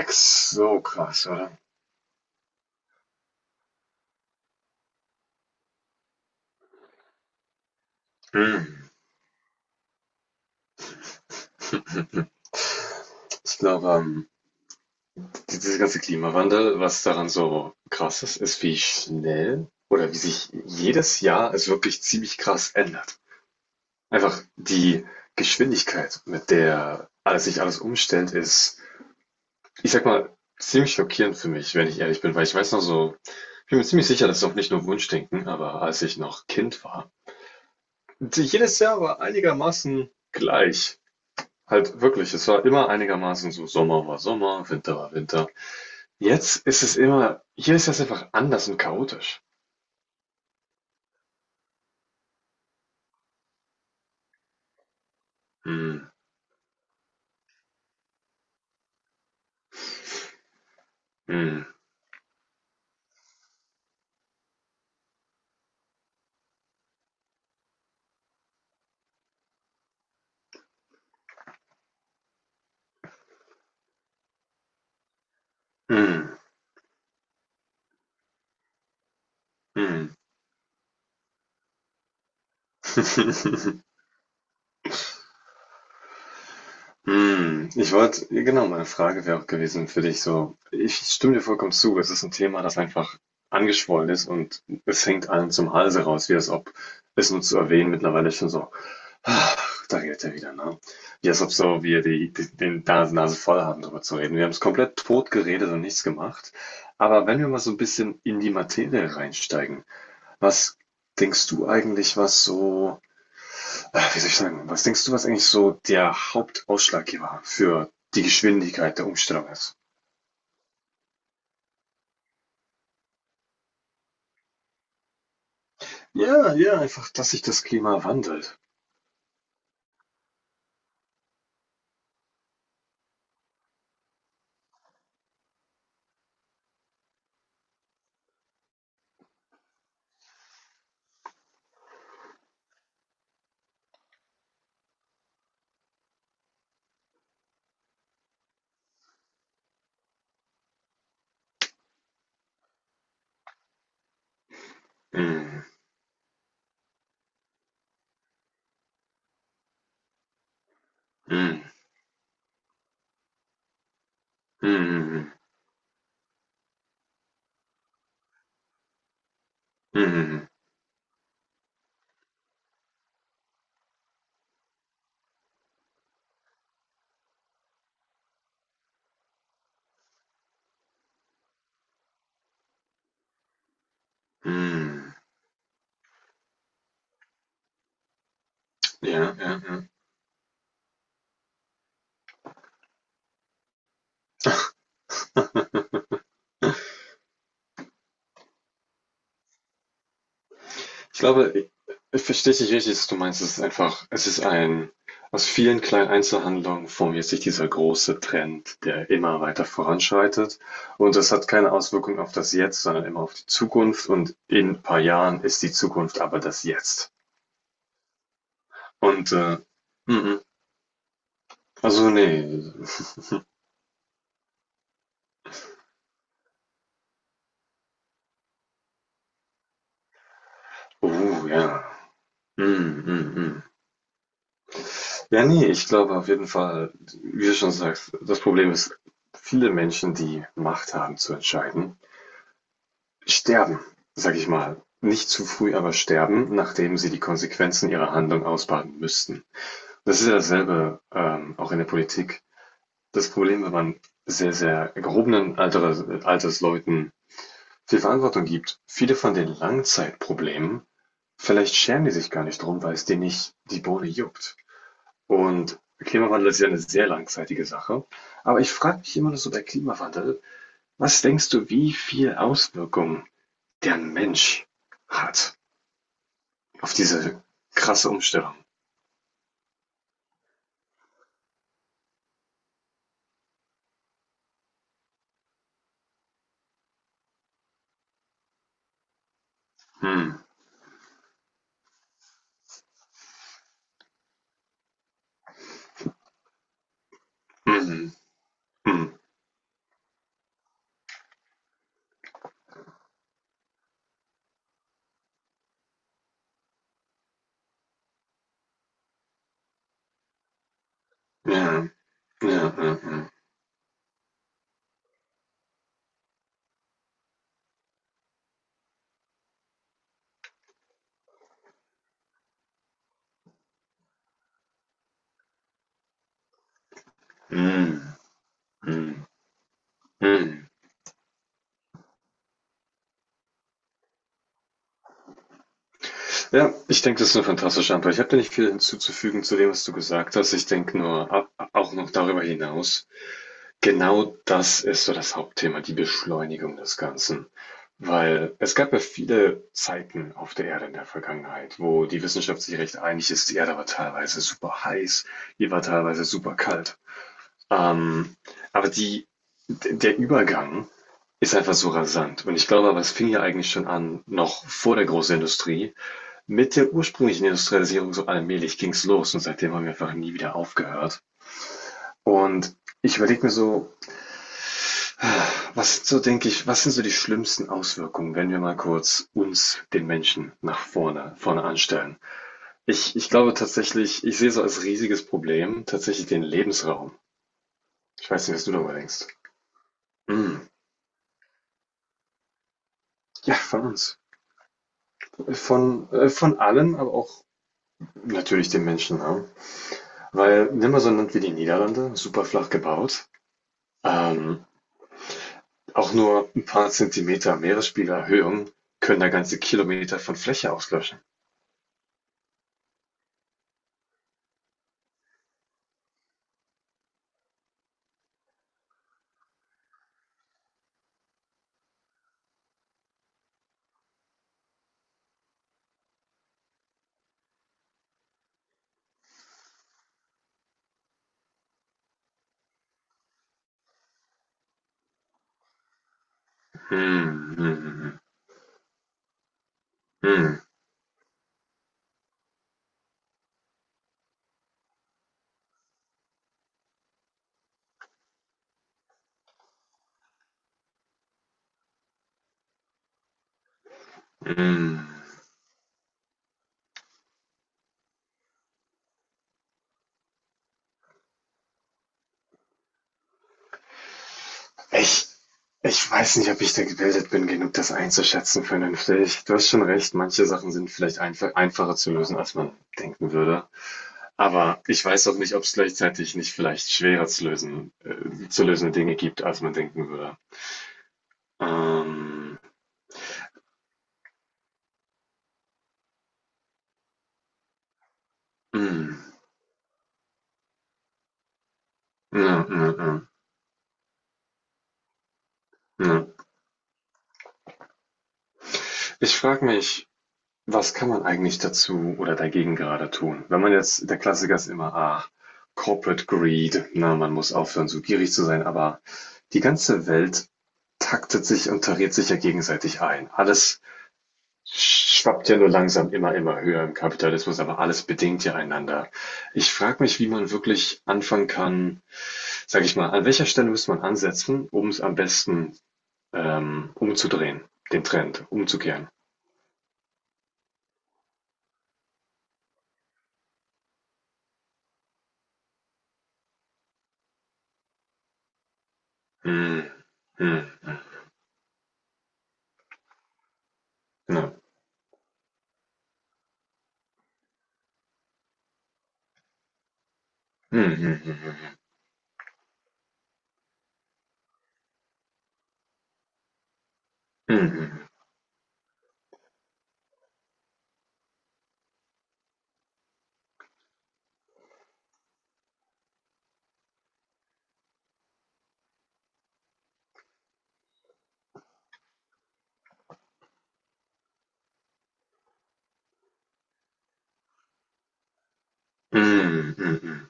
Ex so krass, oder? Hm. Ich glaube, dieser ganze Klimawandel, was daran so krass ist, ist, wie schnell oder wie sich jedes Jahr es wirklich ziemlich krass ändert. Einfach die Geschwindigkeit, mit der alles sich alles umstellt, ist, ich sag mal, ziemlich schockierend für mich, wenn ich ehrlich bin, weil ich weiß noch so, ich bin mir ziemlich sicher, das ist auch nicht nur Wunschdenken, aber als ich noch Kind war, jedes Jahr war einigermaßen gleich. Halt wirklich, es war immer einigermaßen so, Sommer war Sommer, Winter war Winter. Jetzt ist es immer, hier ist das einfach anders und chaotisch. Hm, hm, hm, hm. Hm. Ich wollte, genau, meine Frage wäre auch gewesen für dich so, ich stimme dir vollkommen zu, es ist ein Thema, das einfach angeschwollen ist und es hängt allen zum Halse raus, wie als ob es nur zu erwähnen mittlerweile schon so Ach, da gilt er wieder, ne? Ja, ist ob so, wir den Nase voll haben, darüber zu reden. Wir haben es komplett tot geredet und nichts gemacht. Aber wenn wir mal so ein bisschen in die Materie reinsteigen, was denkst du eigentlich, was so, wie soll ich sagen, was denkst du, was eigentlich so der Hauptausschlaggeber für die Geschwindigkeit der Umstellung ist? Ja, ja, einfach, dass sich das Klima wandelt. Mm, mm, mm, mm, mm, mm. Ja, ja, ja. Ich glaube, i ich verstehe dich richtig, dass du meinst, es ist einfach es ist ein aus vielen kleinen Einzelhandlungen formiert sich dieser große Trend, der immer weiter voranschreitet. Und das hat keine Auswirkung auf das Jetzt, sondern immer auf die Zukunft. Und in ein paar Jahren ist die Zukunft aber das Jetzt. Und, mhm. Also, nee, oh, ja. Mhm, mhm, mhm. Ja, ne, ich glaube auf jeden Fall, wie du schon sagst, das Problem ist, viele Menschen, die Macht haben zu entscheiden Sterben, sag ich mal. Nicht zu früh, aber sterben, nachdem sie die Konsequenzen ihrer Handlung ausbaden müssten. Das ist ja dasselbe auch in der Politik. Das Problem, wenn man sehr, sehr gehobenen Alters, Altersleuten viel Verantwortung gibt, viele von den Langzeitproblemen, vielleicht schämen die sich gar nicht drum, weil es denen nicht die Bohne juckt. Und Klimawandel ist ja eine sehr langzeitige Sache. Aber ich frage mich immer noch so bei Klimawandel, was denkst du, wie viel Auswirkungen der Mensch hat? Auf diese krasse Umstellung. Hm. Mhm. Mhm. Ja. Ja. Ja. Ja. Mhm. Mhm. Mhm. Ja, ich denke, das ist eine fantastische Antwort. Ich habe da nicht viel hinzuzufügen zu dem, was du gesagt hast. Ich denke nur, auch noch darüber hinaus, genau das ist so das Hauptthema, die Beschleunigung des Ganzen. Weil es gab ja viele Zeiten auf der Erde in der Vergangenheit, wo die Wissenschaft sich recht einig ist. Die Erde war teilweise super heiß, die war teilweise super kalt. Ähm, aber die d der Übergang ist einfach so rasant. Und ich glaube aber, es fing ja eigentlich schon an, noch vor der großen Industrie. Mit der ursprünglichen Industrialisierung so allmählich ging's los und seitdem haben wir einfach nie wieder aufgehört. Und ich überlege mir so, was so, denke ich, was sind so die schlimmsten Auswirkungen, wenn wir mal kurz uns, den Menschen, vorne anstellen? Ich glaube tatsächlich, ich sehe so als riesiges Problem tatsächlich den Lebensraum. Ich weiß nicht, was du darüber denkst. Mm. Ja, von uns. Von allem, aber auch natürlich den Menschen. Ne? Weil nimm mal so ein Land wie die Niederlande, super flach gebaut. Ähm, auch nur ein paar Zentimeter Meeresspiegelerhöhung können da ganze Kilometer von Fläche auslöschen. Hm, hm, hm, hm. Hm. Ich, ich weiß nicht, ob ich da gebildet bin, genug das einzuschätzen vernünftig. Du hast schon recht, manche Sachen sind vielleicht einfacher zu lösen, als man denken würde. Aber ich weiß auch nicht, ob es gleichzeitig nicht vielleicht schwerer zu lösen, zu lösende Dinge gibt, als man denken würde. Ähm, mm, ja, ja, ja, ja. Ich frage mich, was kann man eigentlich dazu oder dagegen gerade tun? Wenn man jetzt, der Klassiker ist immer, ah, Corporate Greed, na, man muss aufhören, so gierig zu sein, aber die ganze Welt taktet sich und tariert sich ja gegenseitig ein. Alles schwappt ja nur langsam immer höher im Kapitalismus, aber alles bedingt ja einander. Ich frage mich, wie man wirklich anfangen kann, sage ich mal, an welcher Stelle müsste man ansetzen, um es am besten umzudrehen, den Trend umzukehren. Hm, hm, hm, ja. Hm, hm, hm, hm, hm, hm, hm, hm, hm.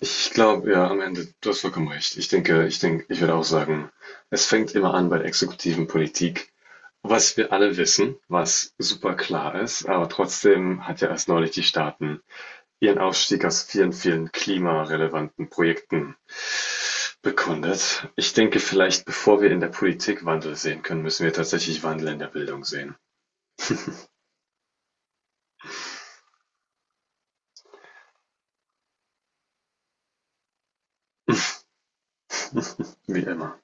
Ich glaube, ja, am Ende, du hast vollkommen recht. Ich denke, ich würde auch sagen, es fängt immer an bei der exekutiven Politik. Was wir alle wissen, was super klar ist, aber trotzdem hat ja erst neulich die Staaten ihren Ausstieg aus vielen, vielen klimarelevanten Projekten bekundet. Ich denke vielleicht, bevor wir in der Politik Wandel sehen können, müssen wir tatsächlich Wandel in der Bildung sehen, wie immer.